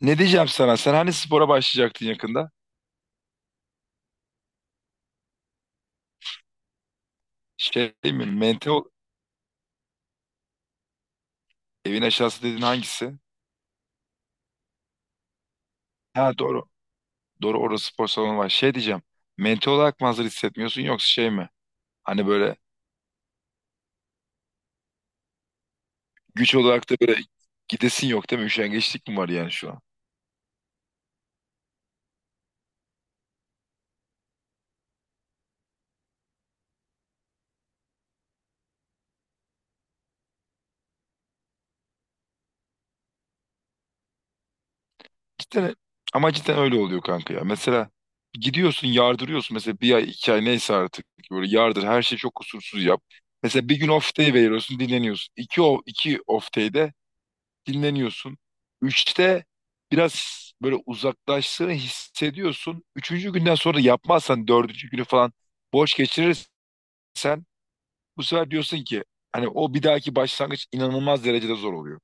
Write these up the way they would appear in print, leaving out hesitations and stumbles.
Ne diyeceğim sana? Sen hani spora başlayacaktın yakında? Şey mi? Mental evin aşağısı dediğin hangisi? Ha doğru. Doğru orada spor salonu var. Şey diyeceğim. Mental olarak mı hazır hissetmiyorsun yoksa şey mi? Hani böyle güç olarak da böyle gidesin yok değil mi? Üşengeçlik mi var yani şu an? Cidden, ama cidden öyle oluyor kanka ya. Mesela gidiyorsun yardırıyorsun. Mesela bir ay 2 ay neyse artık. Böyle yardır her şeyi çok kusursuz yap. Mesela bir gün off day veriyorsun dinleniyorsun. İki off day'de dinleniyorsun. Üçte biraz böyle uzaklaştığını hissediyorsun. Üçüncü günden sonra yapmazsan dördüncü günü falan boş geçirirsen bu sefer diyorsun ki hani o bir dahaki başlangıç inanılmaz derecede zor oluyor.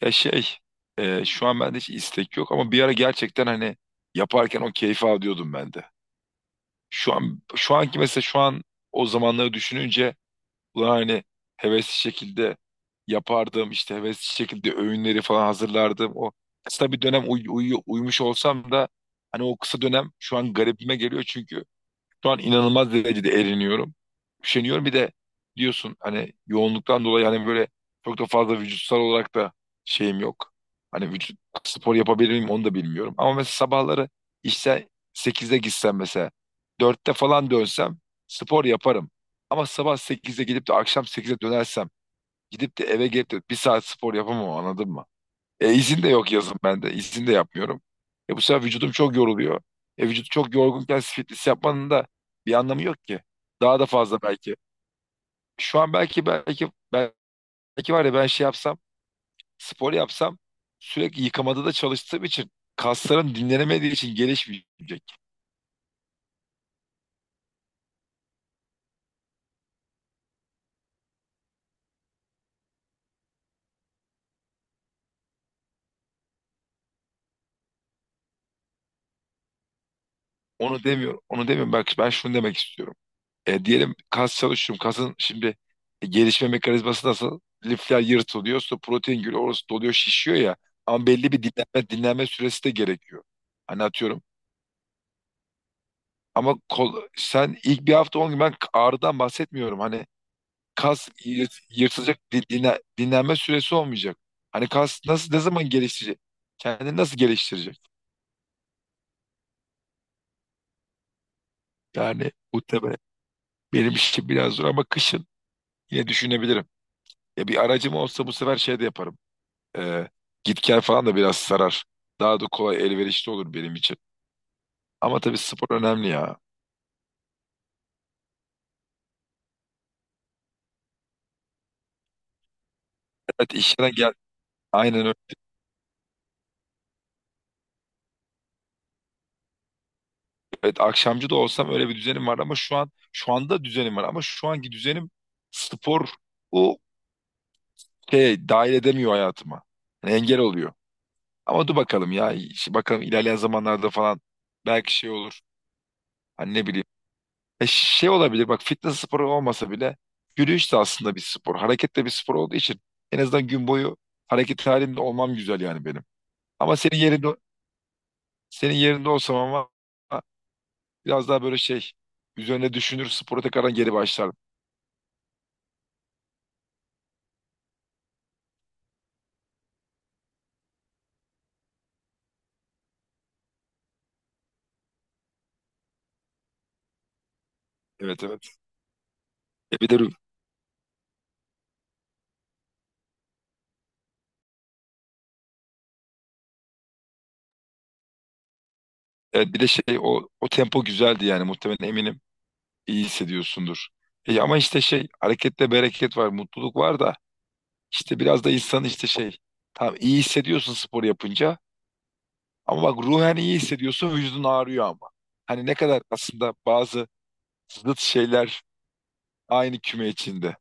Ya şey şu an bende hiç istek yok ama bir ara gerçekten hani yaparken o keyfi alıyordum ben de. Şu an şu anki mesela şu an o zamanları düşününce ulan hani hevesli şekilde yapardım işte hevesli şekilde öğünleri falan hazırlardım. O kısa bir dönem uyumuş olsam da hani o kısa dönem şu an garibime geliyor çünkü şu an inanılmaz derecede eriniyorum. Üşeniyorum. Bir de diyorsun hani yoğunluktan dolayı hani böyle çok da fazla vücutsal olarak da şeyim yok. Hani vücut spor yapabilir miyim onu da bilmiyorum. Ama mesela sabahları işte 8'de gitsem mesela 4'te falan dönsem spor yaparım. Ama sabah sekizde gidip de akşam 8'de dönersem gidip de eve gelip de bir saat spor yapamam anladın mı? İzin de yok yazın bende. İzin de yapmıyorum. Bu sefer vücudum çok yoruluyor. Vücut çok yorgunken fitness yapmanın da bir anlamı yok ki. Daha da fazla belki. Şu an belki var ya ben şey yapsam, spor yapsam sürekli yıkamada da çalıştığım için kaslarım dinlenemediği için gelişmeyecek. Onu demiyorum. Onu demiyorum. Bak ben şunu demek istiyorum. Diyelim kas çalışıyorum. Kasın şimdi gelişme mekanizması nasıl? Lifler yırtılıyor. Sonra protein giriyor. Orası doluyor, şişiyor ya. Ama belli bir dinlenme süresi de gerekiyor. Hani atıyorum. Ama kol, sen ilk bir hafta 10 gün ben ağrıdan bahsetmiyorum. Hani kas yırtılacak, dinlenme süresi olmayacak. Hani kas nasıl ne zaman geliştirecek? Kendini nasıl geliştirecek? Yani bu tabii benim işim biraz zor ama kışın yine düşünebilirim. Ya bir aracım olsa bu sefer şey de yaparım. Ee, Git gel falan da biraz sarar. Daha da kolay elverişli olur benim için. Ama tabii spor önemli ya. Evet işten gel. Aynen öyle. Evet akşamcı da olsam öyle bir düzenim var ama şu an şu anda düzenim var ama şu anki düzenim spor o şey dahil edemiyor hayatıma. Yani engel oluyor. Ama dur bakalım ya. İşte bakalım ilerleyen zamanlarda falan belki şey olur. Hani ne bileyim. Şey olabilir, bak, fitness sporu olmasa bile yürüyüş de aslında bir spor. Hareket de bir spor olduğu için en azından gün boyu hareket halinde olmam güzel yani benim. Ama senin yerinde olsam ama biraz daha böyle şey üzerine düşünür spora tekrardan geri başlardım. Evet evet. Bir de evet, bir de şey o tempo güzeldi yani muhtemelen eminim iyi hissediyorsundur. Ama işte şey harekette bereket var, mutluluk var da işte biraz da insan işte şey tam iyi hissediyorsun spor yapınca. Ama bak ruhen iyi hissediyorsun, vücudun ağrıyor ama. Hani ne kadar aslında bazı zıt şeyler aynı küme içinde.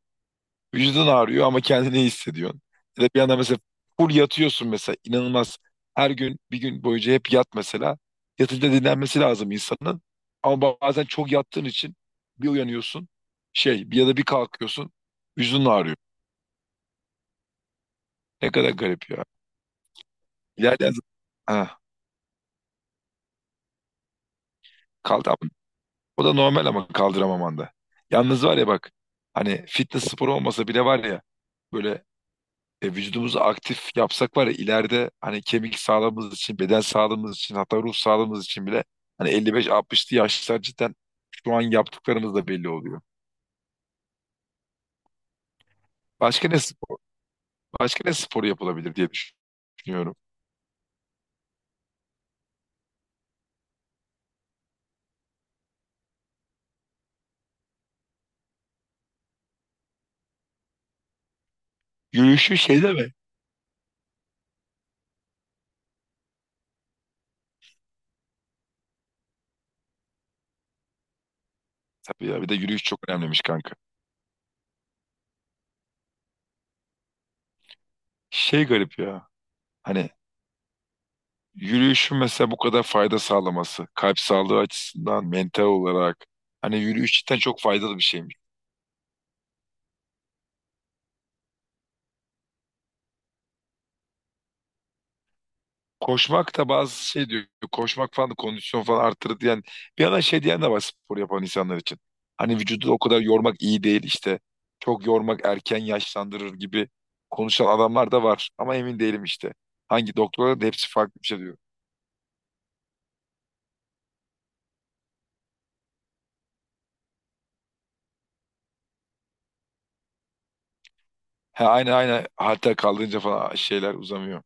Vücudun ağrıyor ama kendini iyi hissediyorsun. Ya da bir anda mesela full yatıyorsun mesela inanılmaz. Her gün bir gün boyunca hep yat mesela. Yatınca dinlenmesi lazım insanın. Ama bazen çok yattığın için bir uyanıyorsun şey bir ya da bir kalkıyorsun vücudun ağrıyor. Ne kadar garip ya. Ha, kaldı o da normal ama kaldıramamanda. Yalnız var ya bak hani fitness sporu olmasa bile var ya böyle vücudumuzu aktif yapsak var ya ileride hani kemik sağlığımız için, beden sağlığımız için hatta ruh sağlığımız için bile hani 55-60'lı yaşlar cidden şu an yaptıklarımız da belli oluyor. Başka ne sp- başka ne sporu yapılabilir diye düşünüyorum. Yürüyüşü şey de mi? Tabii ya bir de yürüyüş çok önemliymiş kanka. Şey garip ya. Hani yürüyüşün mesela bu kadar fayda sağlaması, kalp sağlığı açısından, mental olarak. Hani yürüyüş cidden çok faydalı bir şeymiş. Koşmak da bazı şey diyor, koşmak falan da kondisyon falan arttırır diyen, bir yandan şey diyen de var spor yapan insanlar için. Hani vücudu o kadar yormak iyi değil işte, çok yormak erken yaşlandırır gibi konuşan adamlar da var. Ama emin değilim işte. Hangi doktorların da hepsi farklı bir şey diyor. Ha, aynı aynı halter kaldırınca falan şeyler uzamıyor.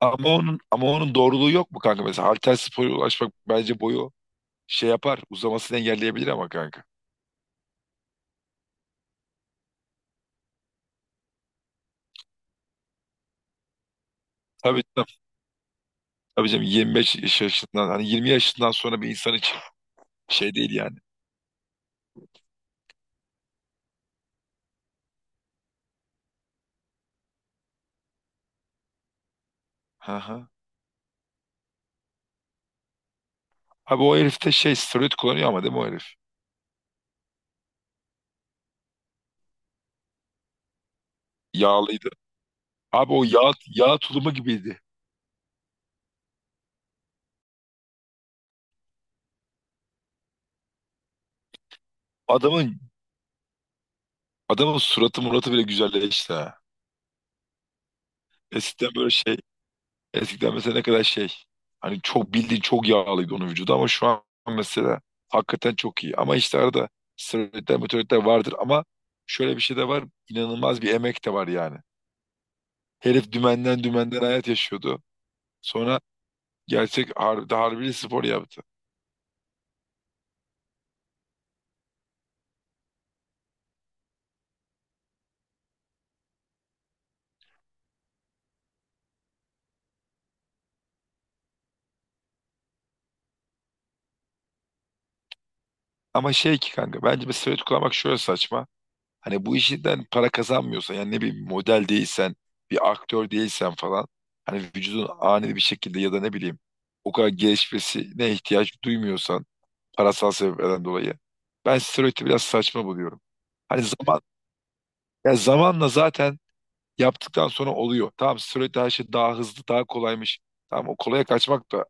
Ama onun doğruluğu yok mu kanka? Mesela Halterspor'a ulaşmak bence boyu şey yapar, uzamasını engelleyebilir ama kanka. Tabii tabii, tabii canım 25 yaşından hani 20 yaşından sonra bir insan için şey değil yani. Hı hı. Abi o herif de şey steroid kullanıyor ama değil mi o herif? Yağlıydı. Abi o yağ tulumu gibiydi. Adamın adamın suratı muratı bile güzelleşti ha. Eskiden böyle şey Eskiden mesela ne kadar şey hani çok bildiğin çok yağlıydı onun vücudu ama şu an mesela hakikaten çok iyi. Ama işte arada steroidler meteoritler vardır ama şöyle bir şey de var inanılmaz bir emek de var yani. Herif dümenden dümenden hayat yaşıyordu. Sonra gerçek harbi, spor yaptı. Ama şey ki kanka bence bir steroid kullanmak şöyle saçma. Hani bu işinden para kazanmıyorsan yani ne bileyim model değilsen bir aktör değilsen falan hani vücudun ani bir şekilde ya da ne bileyim o kadar gelişmesine ihtiyaç duymuyorsan parasal sebeplerden dolayı ben steroidi biraz saçma buluyorum. Hani ya zamanla zaten yaptıktan sonra oluyor. Tamam steroid her şey daha hızlı daha kolaymış. Tamam o kolaya kaçmak da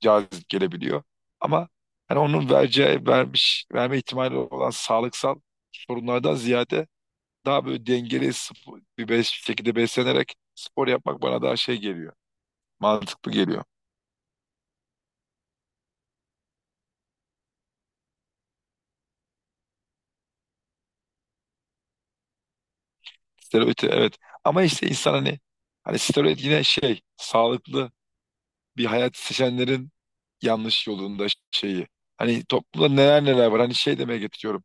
cazip gelebiliyor. Ama hani onun vereceği vermiş verme ihtimali olan sağlıksal sorunlardan ziyade daha böyle dengeli bir beş şekilde beslenerek spor yapmak bana daha şey geliyor. Mantıklı geliyor. Steroid evet. Ama işte insan hani steroid yine şey sağlıklı bir hayat seçenlerin yanlış yolunda şeyi. Hani toplumda neler neler var. Hani şey demeye getiriyorum.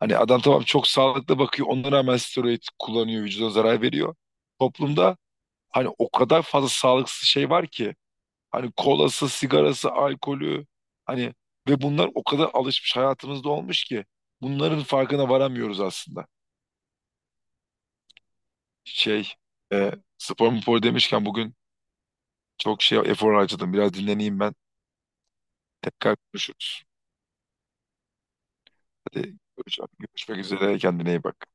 Hani adam tamam çok sağlıklı bakıyor. Ona rağmen steroid kullanıyor. Vücuda zarar veriyor. Toplumda hani o kadar fazla sağlıksız şey var ki. Hani kolası, sigarası, alkolü hani ve bunlar o kadar alışmış hayatımızda olmuş ki bunların farkına varamıyoruz aslında. Şey, e, spor spor demişken bugün çok şey efor harcadım. Biraz dinleneyim ben. Tekrar konuşuruz. Hadi görüşmek üzere. Kendine iyi bak.